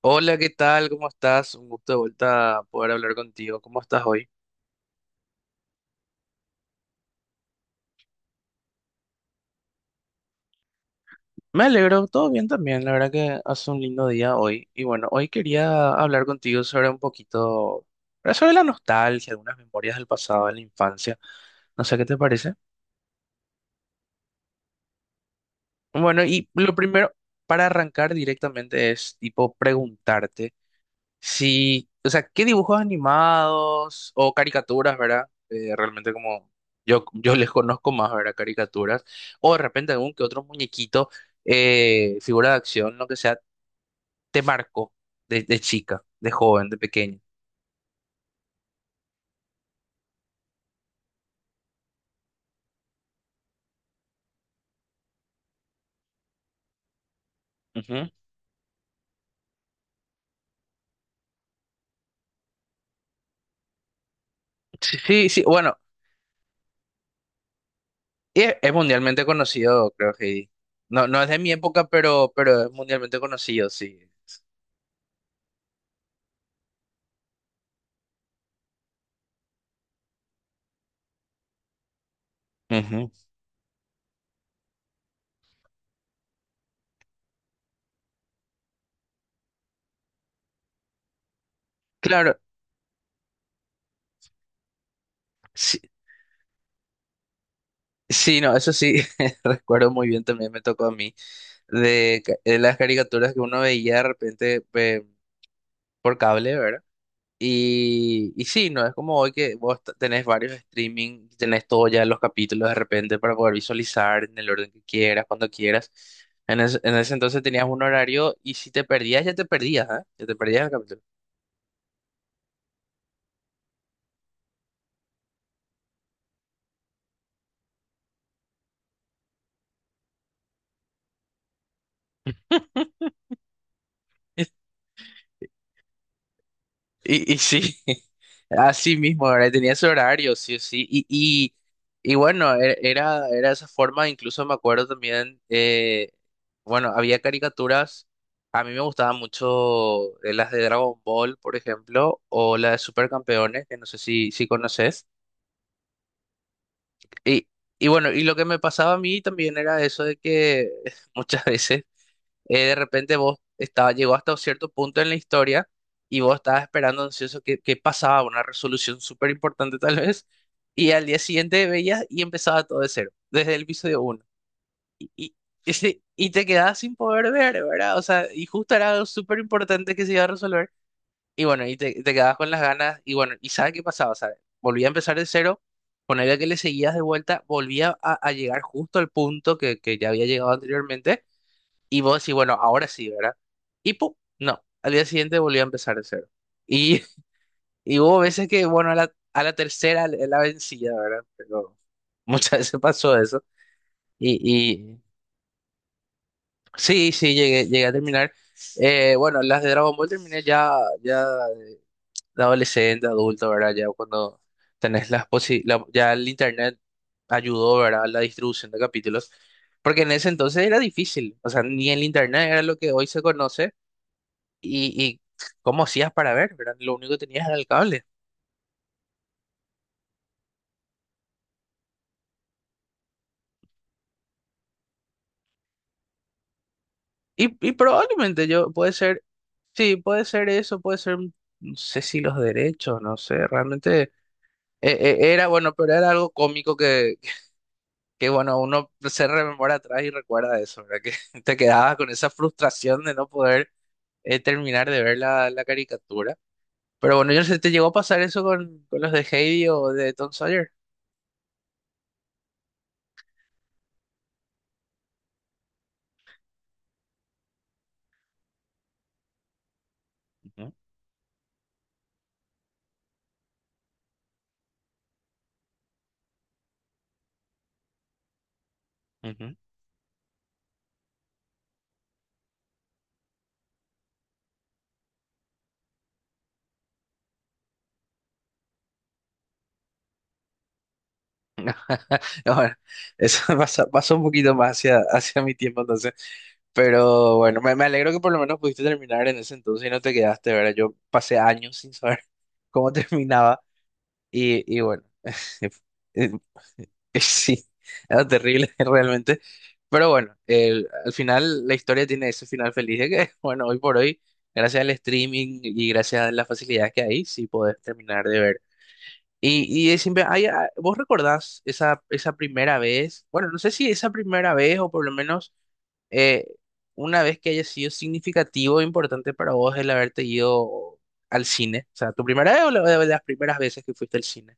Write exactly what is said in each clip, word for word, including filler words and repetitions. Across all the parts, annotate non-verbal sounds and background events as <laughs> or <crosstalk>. Hola, ¿qué tal? ¿Cómo estás? Un gusto de vuelta poder hablar contigo. ¿Cómo estás hoy? Me alegro, todo bien también. La verdad que hace un lindo día hoy. Y bueno, hoy quería hablar contigo sobre un poquito, eh, sobre la nostalgia, algunas memorias del pasado, de la infancia. No sé qué te parece. Bueno, y lo primero para arrancar directamente es tipo preguntarte. Sí, o sea, ¿qué dibujos animados o caricaturas, verdad? Eh, realmente como yo, yo les conozco más, ¿verdad? Caricaturas. O de repente algún que otro muñequito, eh, figura de acción, lo que sea, te marcó de, de chica, de joven, de pequeño. Ujú. Sí, sí, sí, bueno, es, es mundialmente conocido, creo que... No, no es de mi época, pero, pero es mundialmente conocido, sí. Ujú. Claro. Sí, sí, no, eso sí, <laughs> recuerdo muy bien, también me tocó a mí, de, ca- de las caricaturas que uno veía de repente eh, por cable, ¿verdad? Y, y sí, no, es como hoy que vos t- tenés varios streaming, tenés todo ya los capítulos de repente para poder visualizar en el orden que quieras, cuando quieras. En ese, en ese entonces tenías un horario y si te perdías, ya te perdías, ¿eh? Ya te perdías el capítulo. <laughs> Y, y sí, <laughs> así mismo, ¿verdad? Tenía ese horario, sí o sí. Y, y, y bueno, e- era, era esa forma, incluso me acuerdo también, eh, bueno, había caricaturas, a mí me gustaban mucho eh, las de Dragon Ball, por ejemplo, o las de Supercampeones, que no sé si, si conoces. Y, y bueno, y lo que me pasaba a mí también era eso de que <laughs> muchas veces eh, de repente vos estaba, llegó hasta un cierto punto en la historia y vos estabas esperando ansioso que, que pasaba una resolución súper importante tal vez, y al día siguiente veías y empezaba todo de cero, desde el episodio uno. Y, y, <laughs> ese- y te quedabas sin poder ver, ¿verdad? O sea, y justo era algo súper importante que se iba a resolver. Y bueno, y te, te quedabas con las ganas, y bueno, y ¿sabes qué pasaba? ¿Sabes? Volvía a empezar de cero, con ponerle que le seguías de vuelta, volvía a, a llegar justo al punto que, que ya había llegado anteriormente y vos decís, bueno, ahora sí, ¿verdad? Y pum, no, al día siguiente volví a empezar de cero. Y, <laughs> y hubo veces que, bueno, a la, a la tercera la la vencía, ¿verdad? Pero muchas <laughs> veces pasó eso. Y, y sí, sí, llegué, llegué a terminar. Eh, bueno, las de Dragon Ball terminé ya, ya de adolescente, adulto, ¿verdad? Ya cuando tenés las posi la- ya el internet ayudó, ¿verdad? A la distribución de capítulos. Porque en ese entonces era difícil, o sea, ni el internet era lo que hoy se conoce y, y cómo hacías para ver, ¿verdad? Lo único que tenías era el cable. Y, y probablemente yo, puede ser, sí, puede ser eso, puede ser, mm, no sé si los derechos, no sé, realmente eh, eh, era bueno, pero era algo cómico que, que, bueno, uno se rememora atrás y recuerda eso, ¿verdad? Que <laughs> te quedabas con esa frustración de no poder eh, terminar de ver la, la caricatura. Pero bueno, yo no sé, ¿te llegó a pasar eso con, con los de Heidi o de Tom Sawyer? Ujú, ujú. <laughs> No, bueno, eso <laughs> pasa- pasa un poquito más hacia, hacia mi tiempo entonces. Pero bueno, me, me alegro que por lo menos pudiste terminar en ese entonces y no te quedaste, ¿verdad? Yo pasé años sin saber <laughs> cómo terminaba y, y bueno, <laughs> eh, eh, sí, era terrible <laughs> realmente. Pero bueno, el- al final la historia tiene ese final feliz de que, <laughs> bueno, hoy por hoy, gracias al streaming y gracias a las facilidades que hay, sí podés terminar de ver. Y, y es siempre, ay, ah, ¿vos recordás esa, esa primera vez? Bueno, no sé si esa primera vez o por lo menos eh, una vez que haya sido significativo e importante para vos el haberte ido al cine. O sea, ¿tu primera vez o la, de las primeras veces que fuiste al cine?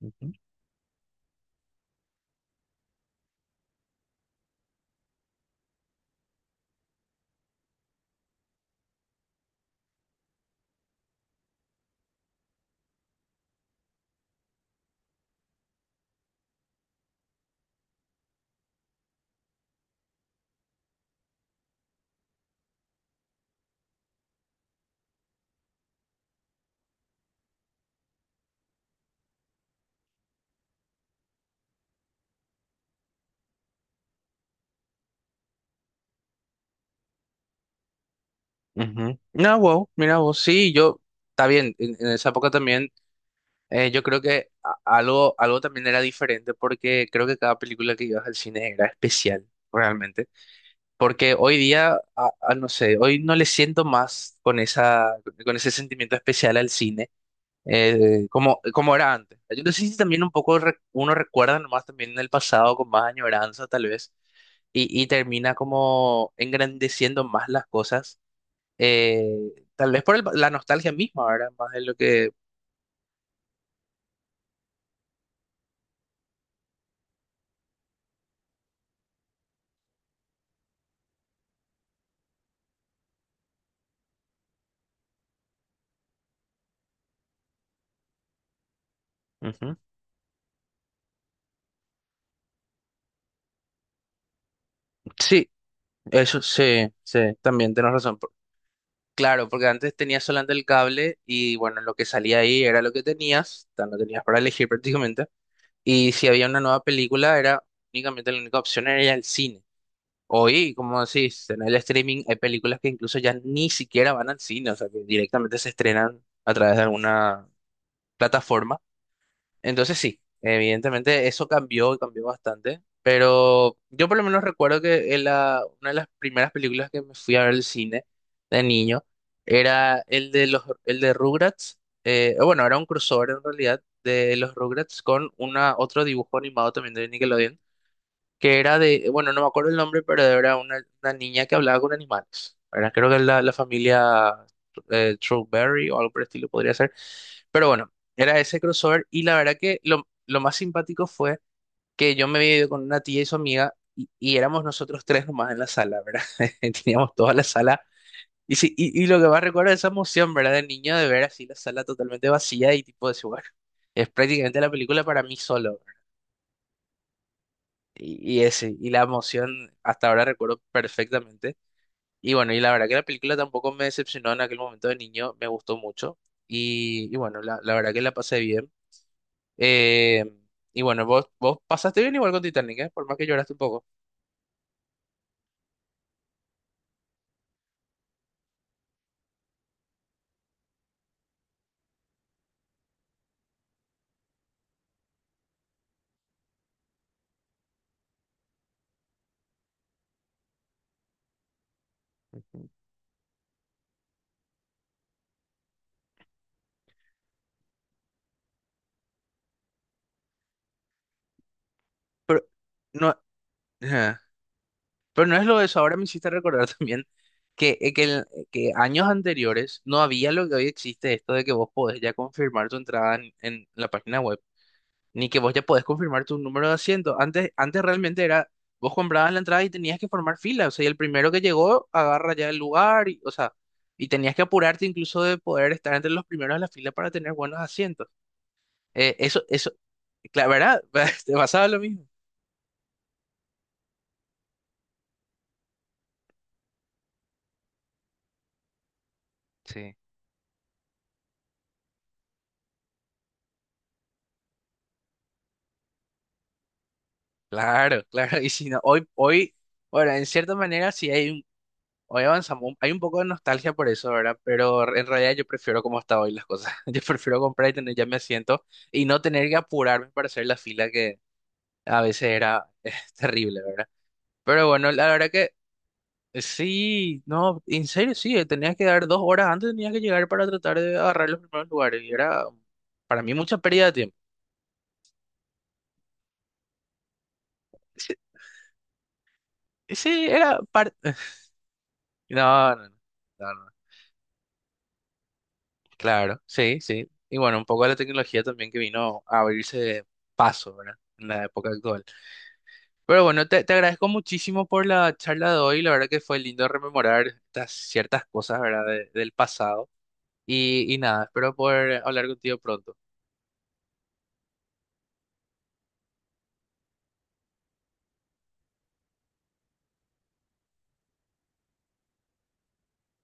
Ujú. Ujú. No, wow, mira vos, sí, yo, está bien, en, en esa época también, eh, yo creo que a- algo, algo también era diferente porque creo que cada película que ibas al cine era especial, realmente. Porque hoy día, a- a- no sé, hoy no le siento más con esa, con ese sentimiento especial al cine, eh, como, como era antes. Yo no sé si también un poco re- uno recuerda nomás también en el pasado con más añoranza tal vez, y, y termina como engrandeciendo más las cosas, eh, tal vez por el- la nostalgia misma, ¿verdad? Más de lo que... Ujú. Sí, eso sí, sí, también tienes razón. Claro, porque antes tenías solamente el cable y bueno, lo que salía ahí era lo que tenías, o sea, no tenías para elegir <laughs> prácticamente. Y si había una nueva película, era únicamente la única opción era ir al cine. Hoy, como decís, en el streaming hay películas que incluso ya ni siquiera van al cine, o sea, que directamente se estrenan a través de alguna plataforma. Entonces sí, evidentemente eso cambió y cambió bastante, pero yo por lo menos recuerdo que en la, una de las primeras películas que me fui a ver al cine de niño era el de los el de Rugrats, eh, bueno, era un crossover en realidad de los Rugrats con una otro dibujo animado también de Nickelodeon, que era de, bueno, no me acuerdo el nombre, pero era una, una niña que hablaba con animales. Era, creo que la, la familia eh, Strawberry o algo por el estilo podría ser. Pero bueno, era ese crossover y la verdad que lo, lo más simpático fue que yo me había ido con una tía y su amiga y, y éramos nosotros tres nomás en la sala, ¿verdad? <laughs> Teníamos toda la sala. Y, sí, y, y lo que más recuerdo es esa emoción, ¿verdad? De niño de ver así la sala totalmente vacía y tipo de decir, bueno, es prácticamente la película para mí solo. Y, y ese, y la emoción hasta ahora recuerdo perfectamente. Y bueno, y la verdad que la película tampoco me decepcionó en aquel momento de niño, me gustó mucho. Y, y bueno, la, la verdad que la pasé bien. Eh, y bueno, vos, vos pasaste bien igual con Titanic, ¿eh? Por más que lloraste un poco. Pero no, ajá. Pero no es lo de eso. Ahora me hiciste recordar <laughs> también que, eh, que, el- que años anteriores no había lo que hoy existe, esto de que vos podés ya confirmar tu entrada en, en la página web, ni que vos ya podés confirmar tu número de asiento. Antes, antes realmente era, vos comprabas la entrada y tenías que formar fila. O sea, y el primero que llegó agarra ya el lugar, y, o sea, y tenías que apurarte incluso de poder estar entre los primeros de la fila para tener buenos asientos. Eh, eso, eso, claro, ¿verdad? <laughs> Te pasaba lo mismo. Sí, claro, claro. Y si no, hoy, hoy, bueno, en cierta manera sí hay un, hoy avanzamos, un- hay un poco de nostalgia por eso, ¿verdad? Pero en realidad yo prefiero como está hoy las cosas. <laughs> Yo prefiero comprar y tener ya mi asiento y no tener que apurarme para hacer la fila que a veces era <laughs> eh, terrible, ¿verdad? Pero bueno, la verdad que eh, sí, no, en serio sí, eh, tenías que dar dos horas antes, tenías que llegar para tratar de agarrar los primeros lugares y era para mí mucha pérdida de tiempo. <laughs> Sí, era parte. <laughs> No, no, no, no, no. Claro, sí, sí. Y bueno, un poco de la tecnología también que vino a abrirse paso, ¿verdad? En la época actual. Pero bueno, te, te agradezco muchísimo por la charla de hoy. La verdad que fue lindo rememorar estas ciertas cosas, ¿verdad? De- del pasado. Y, y nada, espero poder hablar contigo pronto.